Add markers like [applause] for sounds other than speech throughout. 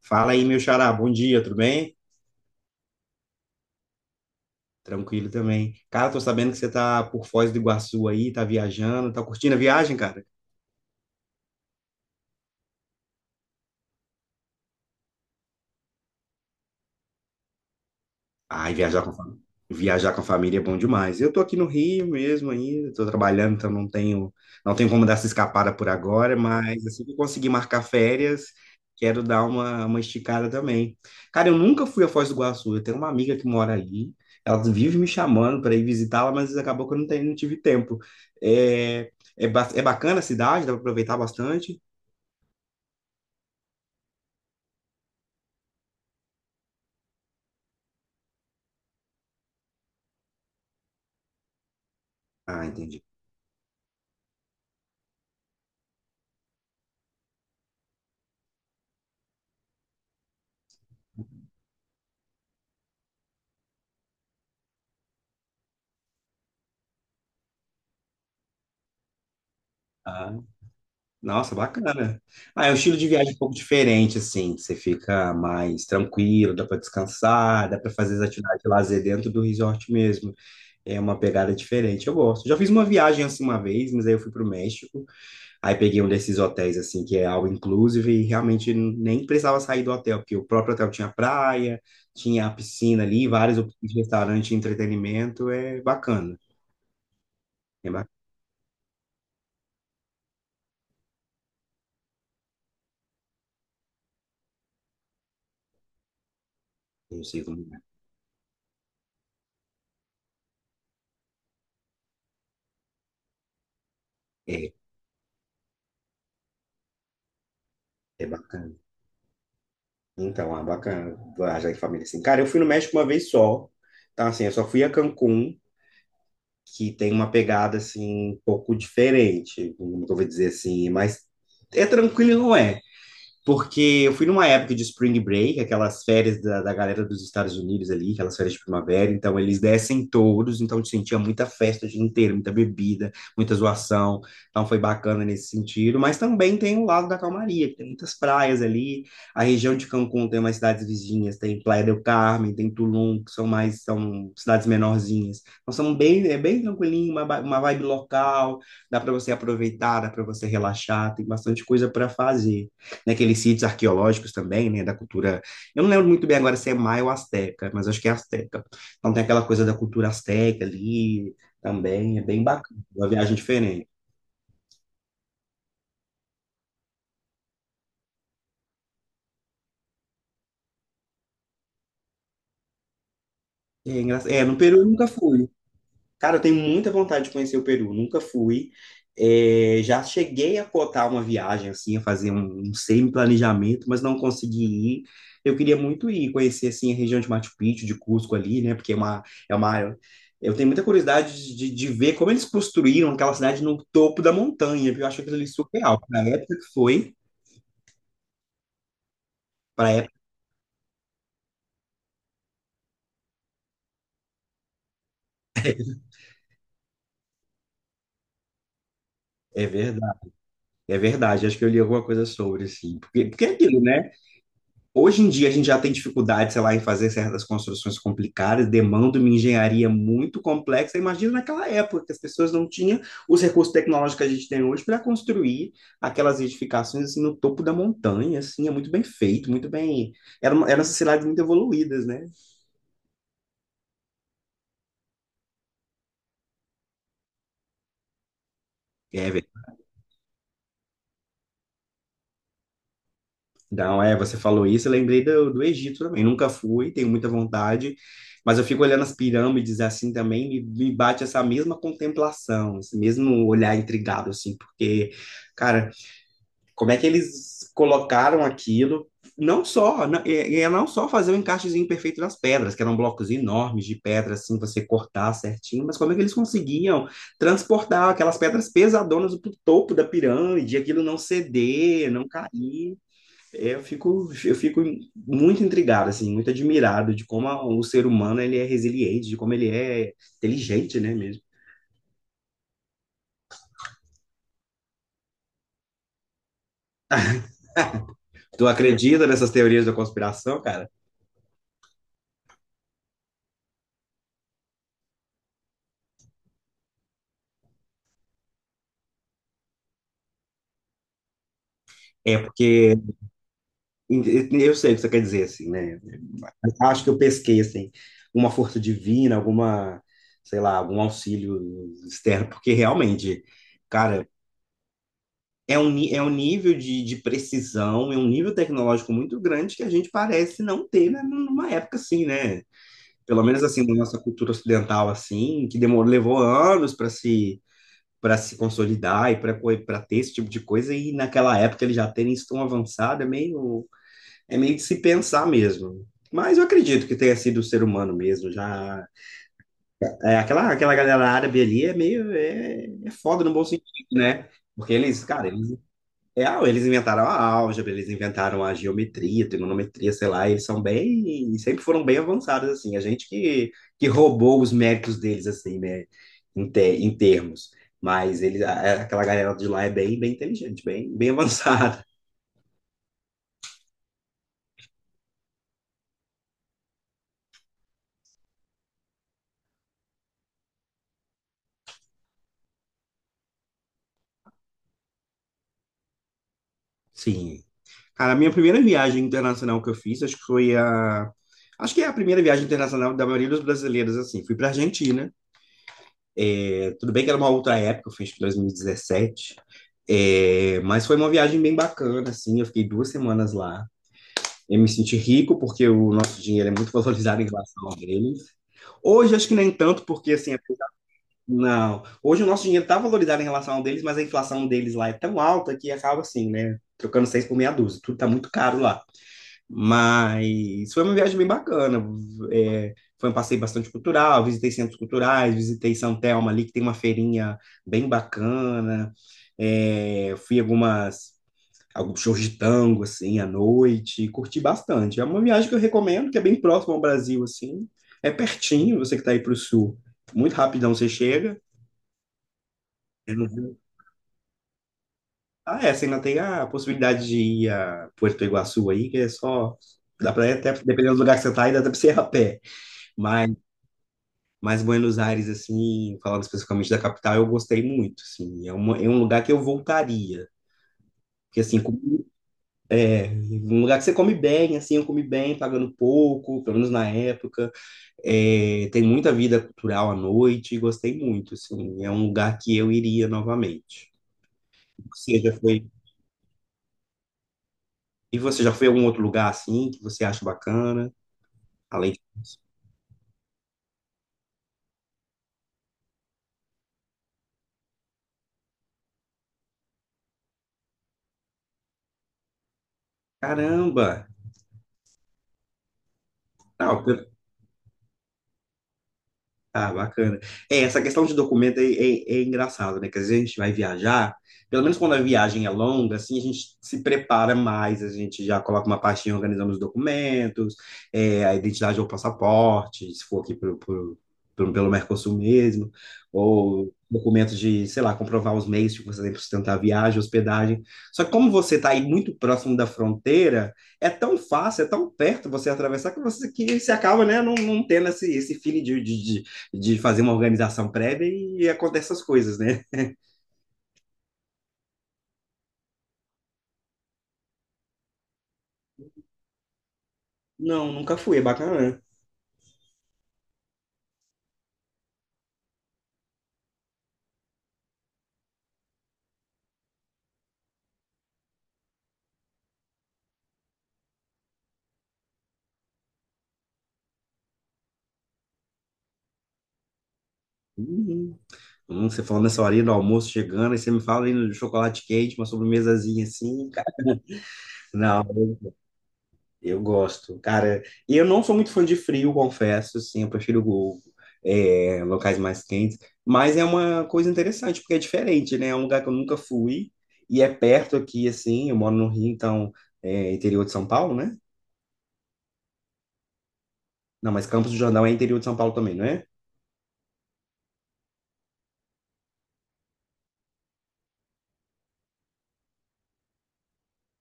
Fala aí, meu xará, bom dia, tudo bem? Tranquilo também. Cara, tô sabendo que você tá por Foz do Iguaçu aí, tá viajando, tá curtindo a viagem, cara? Ai, viajar com a família é bom demais. Eu tô aqui no Rio mesmo ainda, tô trabalhando, então não tenho como dar essa escapada por agora, mas assim que eu conseguir marcar férias, quero dar uma esticada também. Cara, eu nunca fui a Foz do Iguaçu, eu tenho uma amiga que mora ali, ela vive me chamando para ir visitá-la, mas acabou que eu não, tenho, não tive tempo. É, É bacana a cidade, dá para aproveitar bastante. Ah, entendi. Nossa, bacana. Ah, é um estilo de viagem um pouco diferente, assim. Você fica mais tranquilo, dá para descansar, dá para fazer as atividades de lazer dentro do resort mesmo. É uma pegada diferente. Eu gosto. Já fiz uma viagem assim uma vez, mas aí eu fui para o México. Aí peguei um desses hotéis, assim, que é all inclusive, e realmente nem precisava sair do hotel, porque o próprio hotel tinha praia, tinha a piscina ali, vários restaurantes de entretenimento. É bacana. É bacana. Eu sei como é. É, é bacana. Então, ah, bacana viajar em família assim. Cara, eu fui no México uma vez só. Então, assim, eu só fui a Cancún, que tem uma pegada assim um pouco diferente, como eu vou dizer assim, mas é tranquilo, não é? Porque eu fui numa época de Spring Break, aquelas férias da galera dos Estados Unidos ali, aquelas férias de primavera, então eles descem todos, então eu sentia muita festa o dia inteiro, muita bebida, muita zoação, então foi bacana nesse sentido, mas também tem o lado da calmaria, que tem muitas praias ali, a região de Cancún tem umas cidades vizinhas, tem Playa del Carmen, tem Tulum, que são mais, são cidades menorzinhas, então são bem, é bem tranquilinho, uma vibe local, dá para você aproveitar, dá para você relaxar, tem bastante coisa para fazer naqueles sítios arqueológicos também, né, da cultura. Eu não lembro muito bem agora se é maia ou asteca, mas acho que é asteca. Então tem aquela coisa da cultura asteca ali também, é bem bacana, uma viagem diferente. É no Peru eu nunca fui. Cara, eu tenho muita vontade de conhecer o Peru, nunca fui. É, já cheguei a cotar uma viagem, assim, a fazer um semi-planejamento, mas não consegui ir. Eu queria muito ir conhecer, assim, a região de Machu Picchu, de Cusco ali, né? Porque é uma... Eu tenho muita curiosidade de ver como eles construíram aquela cidade no topo da montanha, porque eu acho aquilo ali surreal. Para a época que foi, para a época... É verdade, é verdade. Acho que eu li alguma coisa sobre, assim. Porque é aquilo, né? Hoje em dia a gente já tem dificuldade, sei lá, em fazer certas construções complicadas, demanda uma engenharia muito complexa. Imagina naquela época que as pessoas não tinham os recursos tecnológicos que a gente tem hoje para construir aquelas edificações assim no topo da montanha, assim, é muito bem feito, muito bem. Eram sociedades muito evoluídas, né? É. Então, é, você falou isso, eu lembrei do Egito também. Nunca fui, tenho muita vontade, mas eu fico olhando as pirâmides assim também, me bate essa mesma contemplação, esse mesmo olhar intrigado, assim, porque, cara, como é que eles colocaram aquilo? Não só, não, é, é não só fazer o encaixezinho perfeito nas pedras, que eram blocos enormes de pedra, assim, você cortar certinho, mas como é que eles conseguiam transportar aquelas pedras pesadonas pro topo da pirâmide, aquilo não ceder, não cair? Eu fico muito intrigado, assim, muito admirado de como o ser humano ele é resiliente, de como ele é inteligente, né, mesmo. Tu acredita nessas teorias da conspiração, cara? É porque eu sei o que você quer dizer, assim, né? Acho que eu pesquei, assim, uma força divina, alguma, sei lá, algum auxílio externo, porque realmente, cara, é é um nível de precisão, é um nível tecnológico muito grande que a gente parece não ter, né, numa época assim, né? Pelo menos assim na nossa cultura ocidental assim, que demorou, levou anos para se consolidar e para para ter esse tipo de coisa e naquela época eles já terem isso tão avançado é meio de se pensar mesmo. Mas eu acredito que tenha sido o ser humano mesmo, já é, aquela galera árabe ali é meio é foda no bom sentido, né? Porque eles, cara, eles inventaram a álgebra, eles inventaram a geometria, trigonometria, sei lá, eles são bem, sempre foram bem avançados, assim, a gente que roubou os méritos deles, assim, né, em, te- em termos, mas eles, aquela galera de lá é bem, bem inteligente, bem [laughs] avançada. Sim. Cara, a minha primeira viagem internacional que eu fiz, acho que é a primeira viagem internacional da maioria dos brasileiros, assim, fui pra Argentina. Tudo bem que era uma outra época, eu fiz em 2017, é, mas foi uma viagem bem bacana, assim, eu fiquei duas semanas lá. Eu me senti rico porque o nosso dinheiro é muito valorizado em relação ao deles. Hoje acho que nem tanto, porque assim, não. Hoje o nosso dinheiro está valorizado em relação ao deles, mas a inflação deles lá é tão alta que acaba assim, né? Trocando seis por meia dúzia. Tudo está muito caro lá. Mas foi uma viagem bem bacana. É, foi um passeio bastante cultural, visitei centros culturais, visitei São Telmo ali, que tem uma feirinha bem bacana. É, fui algumas, alguns shows de tango, assim, à noite. Curti bastante. É uma viagem que eu recomendo, que é bem próxima ao Brasil, assim. É pertinho, você que está aí para o sul. Muito rapidão você chega. Eu não vi- Ah, é, você ainda tem a possibilidade de ir a Puerto Iguaçu aí, que é só... Dá para até, dependendo do lugar que você tá aí dá para você ir a pé. Mas, mas Buenos Aires, assim, falando especificamente da capital, eu gostei muito, assim. É, uma, é um lugar que eu voltaria. Porque, assim, comi- Um lugar que você come bem, assim, eu comi bem, pagando pouco, pelo menos na época. É, tem muita vida cultural à noite, gostei muito, assim. É um lugar que eu iria novamente. Você já foi... E você já foi a algum outro lugar, assim, que você acha bacana? Além de... Caramba! Não. Ah, bacana. É, essa questão de documento é engraçado, né? Que às vezes a gente vai viajar, pelo menos quando a viagem é longa, assim, a gente se prepara mais, a gente já coloca uma pastinha organizando os documentos, é, a identidade ou passaporte, se for aqui pelo Mercosul mesmo, ou documentos de, sei lá, comprovar os meios que você tem para sustentar a viagem, hospedagem. Só que como você está aí muito próximo da fronteira, é tão fácil, é tão perto você atravessar que você acaba, né, não tendo esse feeling de fazer uma organização prévia e acontecem essas coisas, né? Não, nunca fui, é bacana, né? Uhum. Você falando nessa horinha do almoço chegando, aí você me fala aí no chocolate quente, uma sobremesazinha assim, cara. Não, eu gosto, cara. E eu não sou muito fã de frio, confesso, assim, eu prefiro locais mais quentes. Mas é uma coisa interessante, porque é diferente, né? É um lugar que eu nunca fui e é perto aqui, assim. Eu moro no Rio, então é interior de São Paulo, né? Não, mas Campos do Jordão é interior de São Paulo também, não é?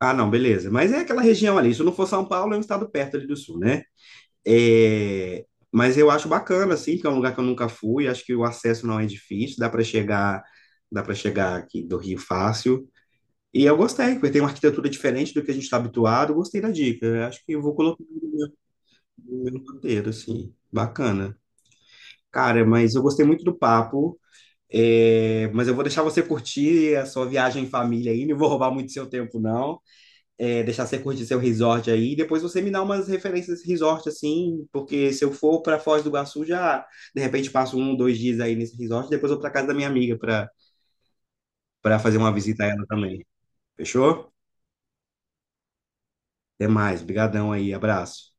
Ah, não, beleza. Mas é aquela região ali. Se não for São Paulo, é um estado perto ali do sul, né? É. Mas eu acho bacana, assim, que é um lugar que eu nunca fui. Acho que o acesso não é difícil, dá para chegar aqui do Rio fácil. E eu gostei, porque tem uma arquitetura diferente do que a gente está habituado. Gostei da dica. Eu acho que eu vou colocar no meu roteiro, assim. Bacana. Cara, mas eu gostei muito do papo. Mas eu vou deixar você curtir a sua viagem em família ainda. Não vou roubar muito seu tempo, não. Deixar você curtir seu resort aí, e depois você me dá umas referências de resort, assim, porque se eu for para Foz do Iguaçu, já, de repente, passo um, dois dias aí nesse resort, depois vou para casa da minha amiga para fazer uma visita a ela também. Fechou? Até mais, brigadão aí, abraço.